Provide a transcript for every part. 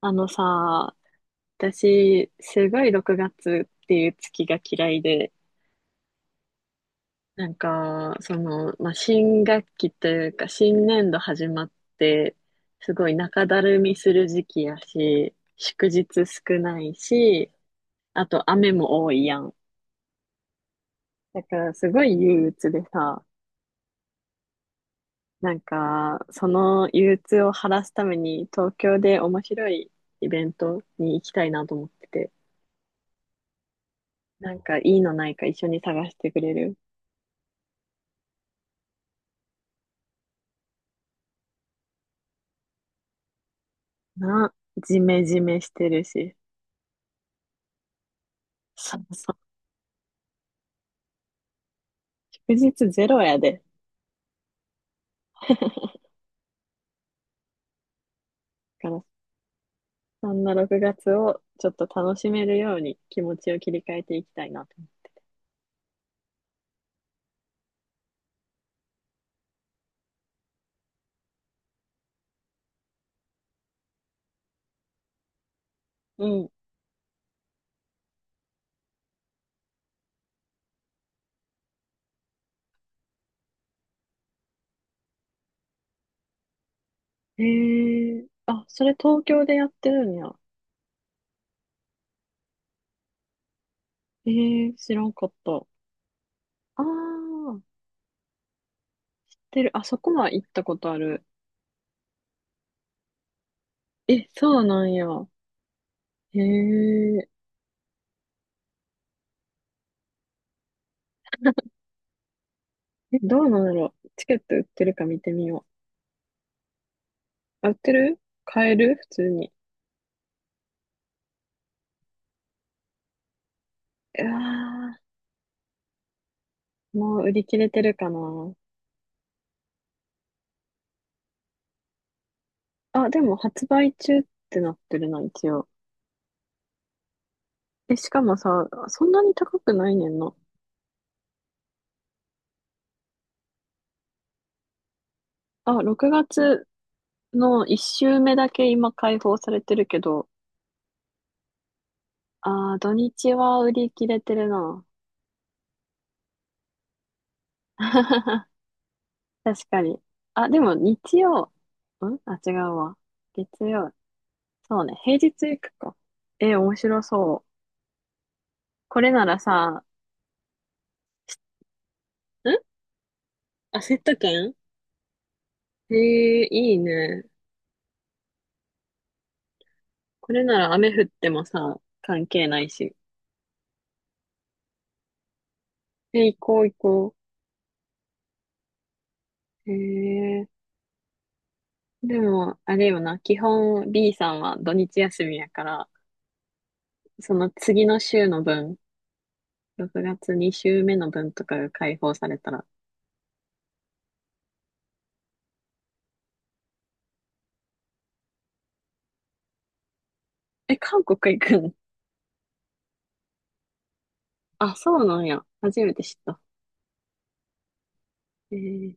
あのさ、私、すごい6月っていう月が嫌いで、なんか、その、まあ、新学期というか、新年度始まって、すごい中だるみする時期やし、祝日少ないし、あと雨も多いやん。だからすごい憂鬱でさ、なんか、その憂鬱を晴らすために東京で面白いイベントに行きたいなと思ってて、なんかいいのないか一緒に探してくれる？な、ジメジメしてるし。そうそう。祝日ゼロやで。だから、そんな6月をちょっと楽しめるように気持ちを切り替えていきたいなと。うん。へえ、あ、それ東京でやってるんや。へえ、知らんかった。ああ、てる、あそこは行ったことある。え、そうなんや。へえ、え、どうなんだろう。チケット売ってるか見てみよう。あ、売ってる、買える普通に。うわー、もう売り切れてるかな。あ、でも発売中ってなってるな、一応。え、しかもさ、そんなに高くないねんな。あ、6月の1週目だけ今開放されてるけど、あー、土日は売り切れてるな。確かに。あ、でも日曜、んあ、違うわ。月曜。そうね、平日行くか。え、面白そう。これならさ、んあ、セット券、えー、いいね。これなら雨降ってもさ、関係ないし。え、行こう行こう。へえー、でも、あれよな、基本 B さんは土日休みやから、その次の週の分、6月2週目の分とかが解放されたら、え、韓国行くん？あ、そうなんや。初めて知った。えー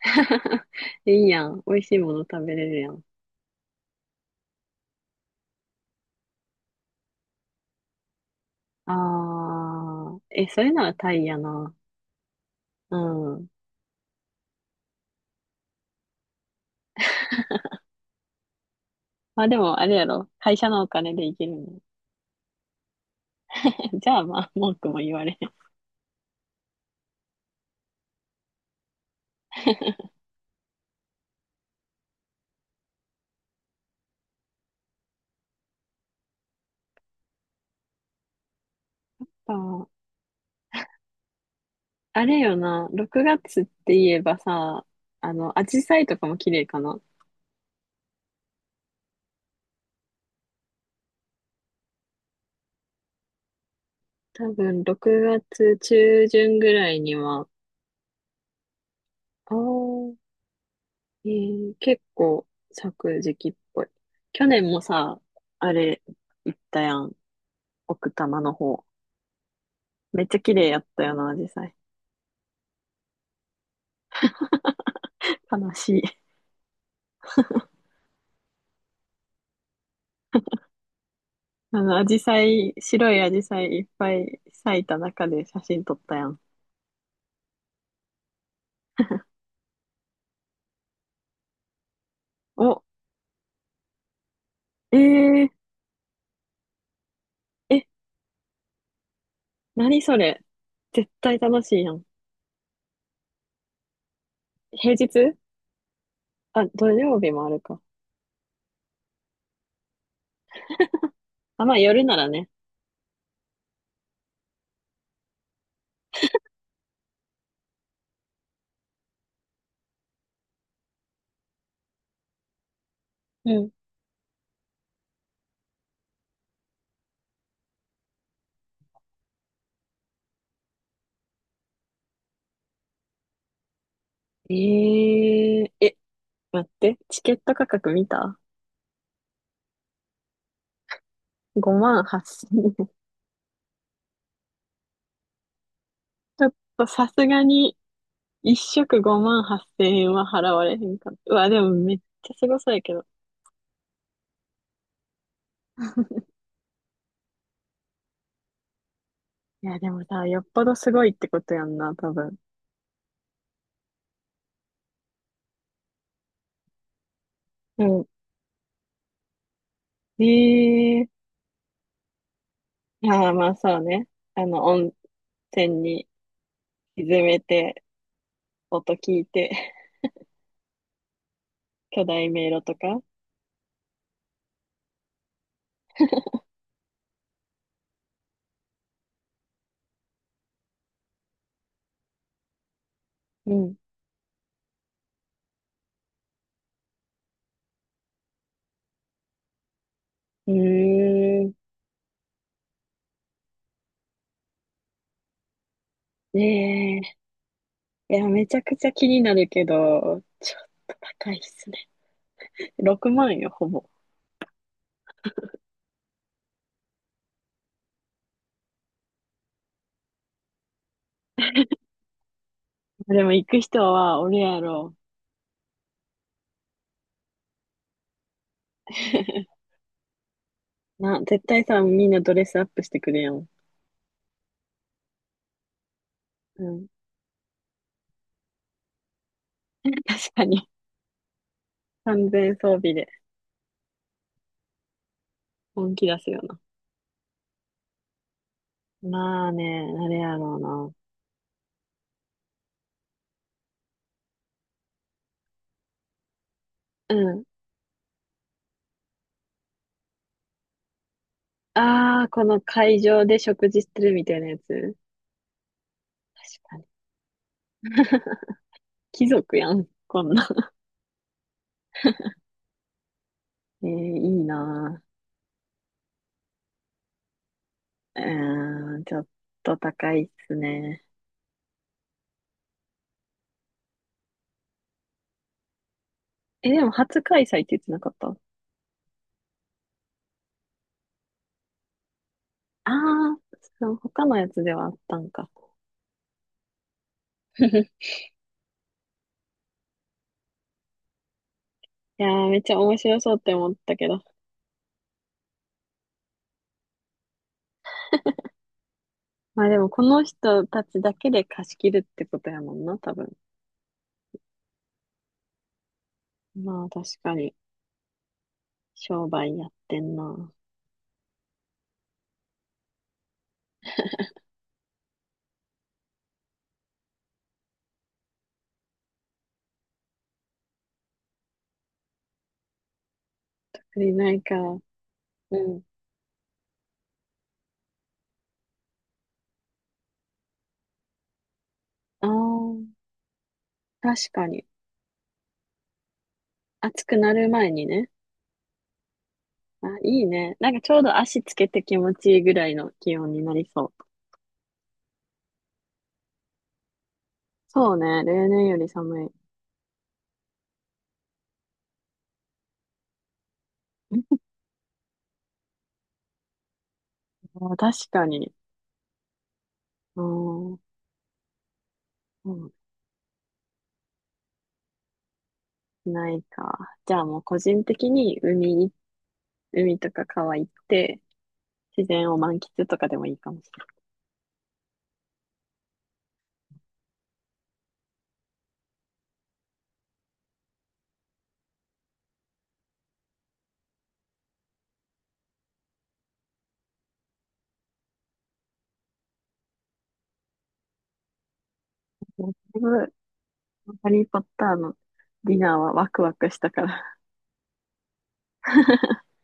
いいやん。美味しいもの食べれるやん。あー、え、それならタイやな。うん。まあでも、あれやろ。会社のお金で行けるの。じゃあまあ、文句も言われへん。あー、あれよな、6月って言えばさ、あの、紫陽花とかも綺麗かな。多分、6月中旬ぐらいには、ああ、結構咲く時期っぽい。去年もさ、あれ、行ったやん。奥多摩の方。めっちゃ綺麗やったよな、紫陽花。悲しい。あの、紫陽花、白い紫陽花いっぱい咲いた中で写真撮ったやん。お、えー、え、何それ。絶対楽しいやん。平日、あ、土曜日もあるか。あ、まあ夜ならね。うん。ええ、え、待って、チケット価格見た？ 5 万8000円。ちょっとさすがに、一食5万8000円は払われへんかっ、うわ、でもめっちゃすごそうやけど。いや、でもさ、よっぽどすごいってことやんな、多分。うん。ええ、ああ、まあそうね。あの、温泉に沈めて、音聞いて、巨大迷路とか。うん。うーん。ええ、いや、めちゃくちゃ気になるけど、ちょっと高いっすね。6万よ、ほぼ。でも行く人は俺やろ。な、絶対さ、みんなドレスアップしてくるやん。うん。確かに。完全装備で本気出すよな。まあね、あれやろうな。うん。ああ、この会場で食事してるみたいなやつ。確かに。貴族やん、こんな。えー、いいなぁ。うーん、ちょっと高いっすね。え、でも初開催って言ってなかった？ああ、そう、他のやつではあったんか。いやー、めっちゃ面白そうって思ったけど。まあでも、この人たちだけで貸し切るってことやもんな、多分。まあ確かに、商売やってんな。売れないか。うん。ああ、確かに。暑くなる前にね。あ、いいね。なんかちょうど足つけて気持ちいいぐらいの気温になりそう。そうね、例年より寒い。あー、確かに。あー、うん、ないか。じゃあもう個人的に海い、海とか川行って、自然を満喫とかでもいいかもしれない。だいぶハリー・ポッターのディナーはワクワクしたから。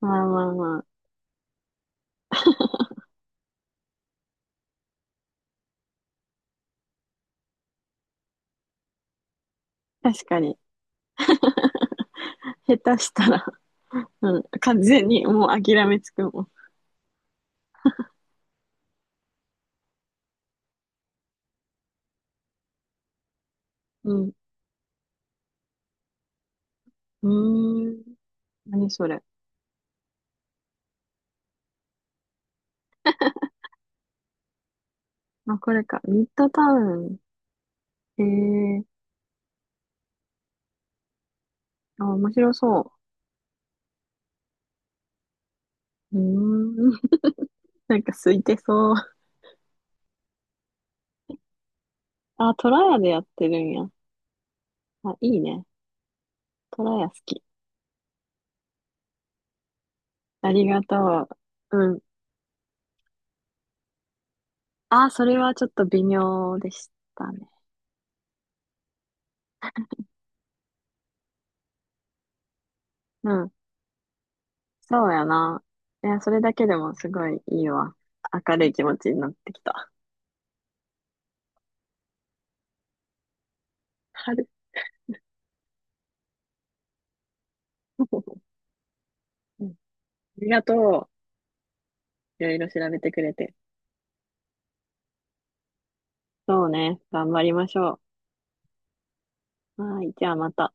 まあまあまあ。確かに。下手したら、うん、完全にもう諦めつくもん。うん。うーん。何それ。まあ、これか。ミッドタウン。ええー、あ、面白そう。うーん。なんか空いてそう。あ、トラヤでやってるんや。あ、いいね。トラヤ好き。ありがとう。うん。あ、それはちょっと微妙でしたね。うん。そうやな。いや、それだけでもすごいいいわ。明るい気持ちになってきた。春。うん、ありがとう。いろいろ調べてくれて。そうね。頑張りましょう。はい。じゃあまた。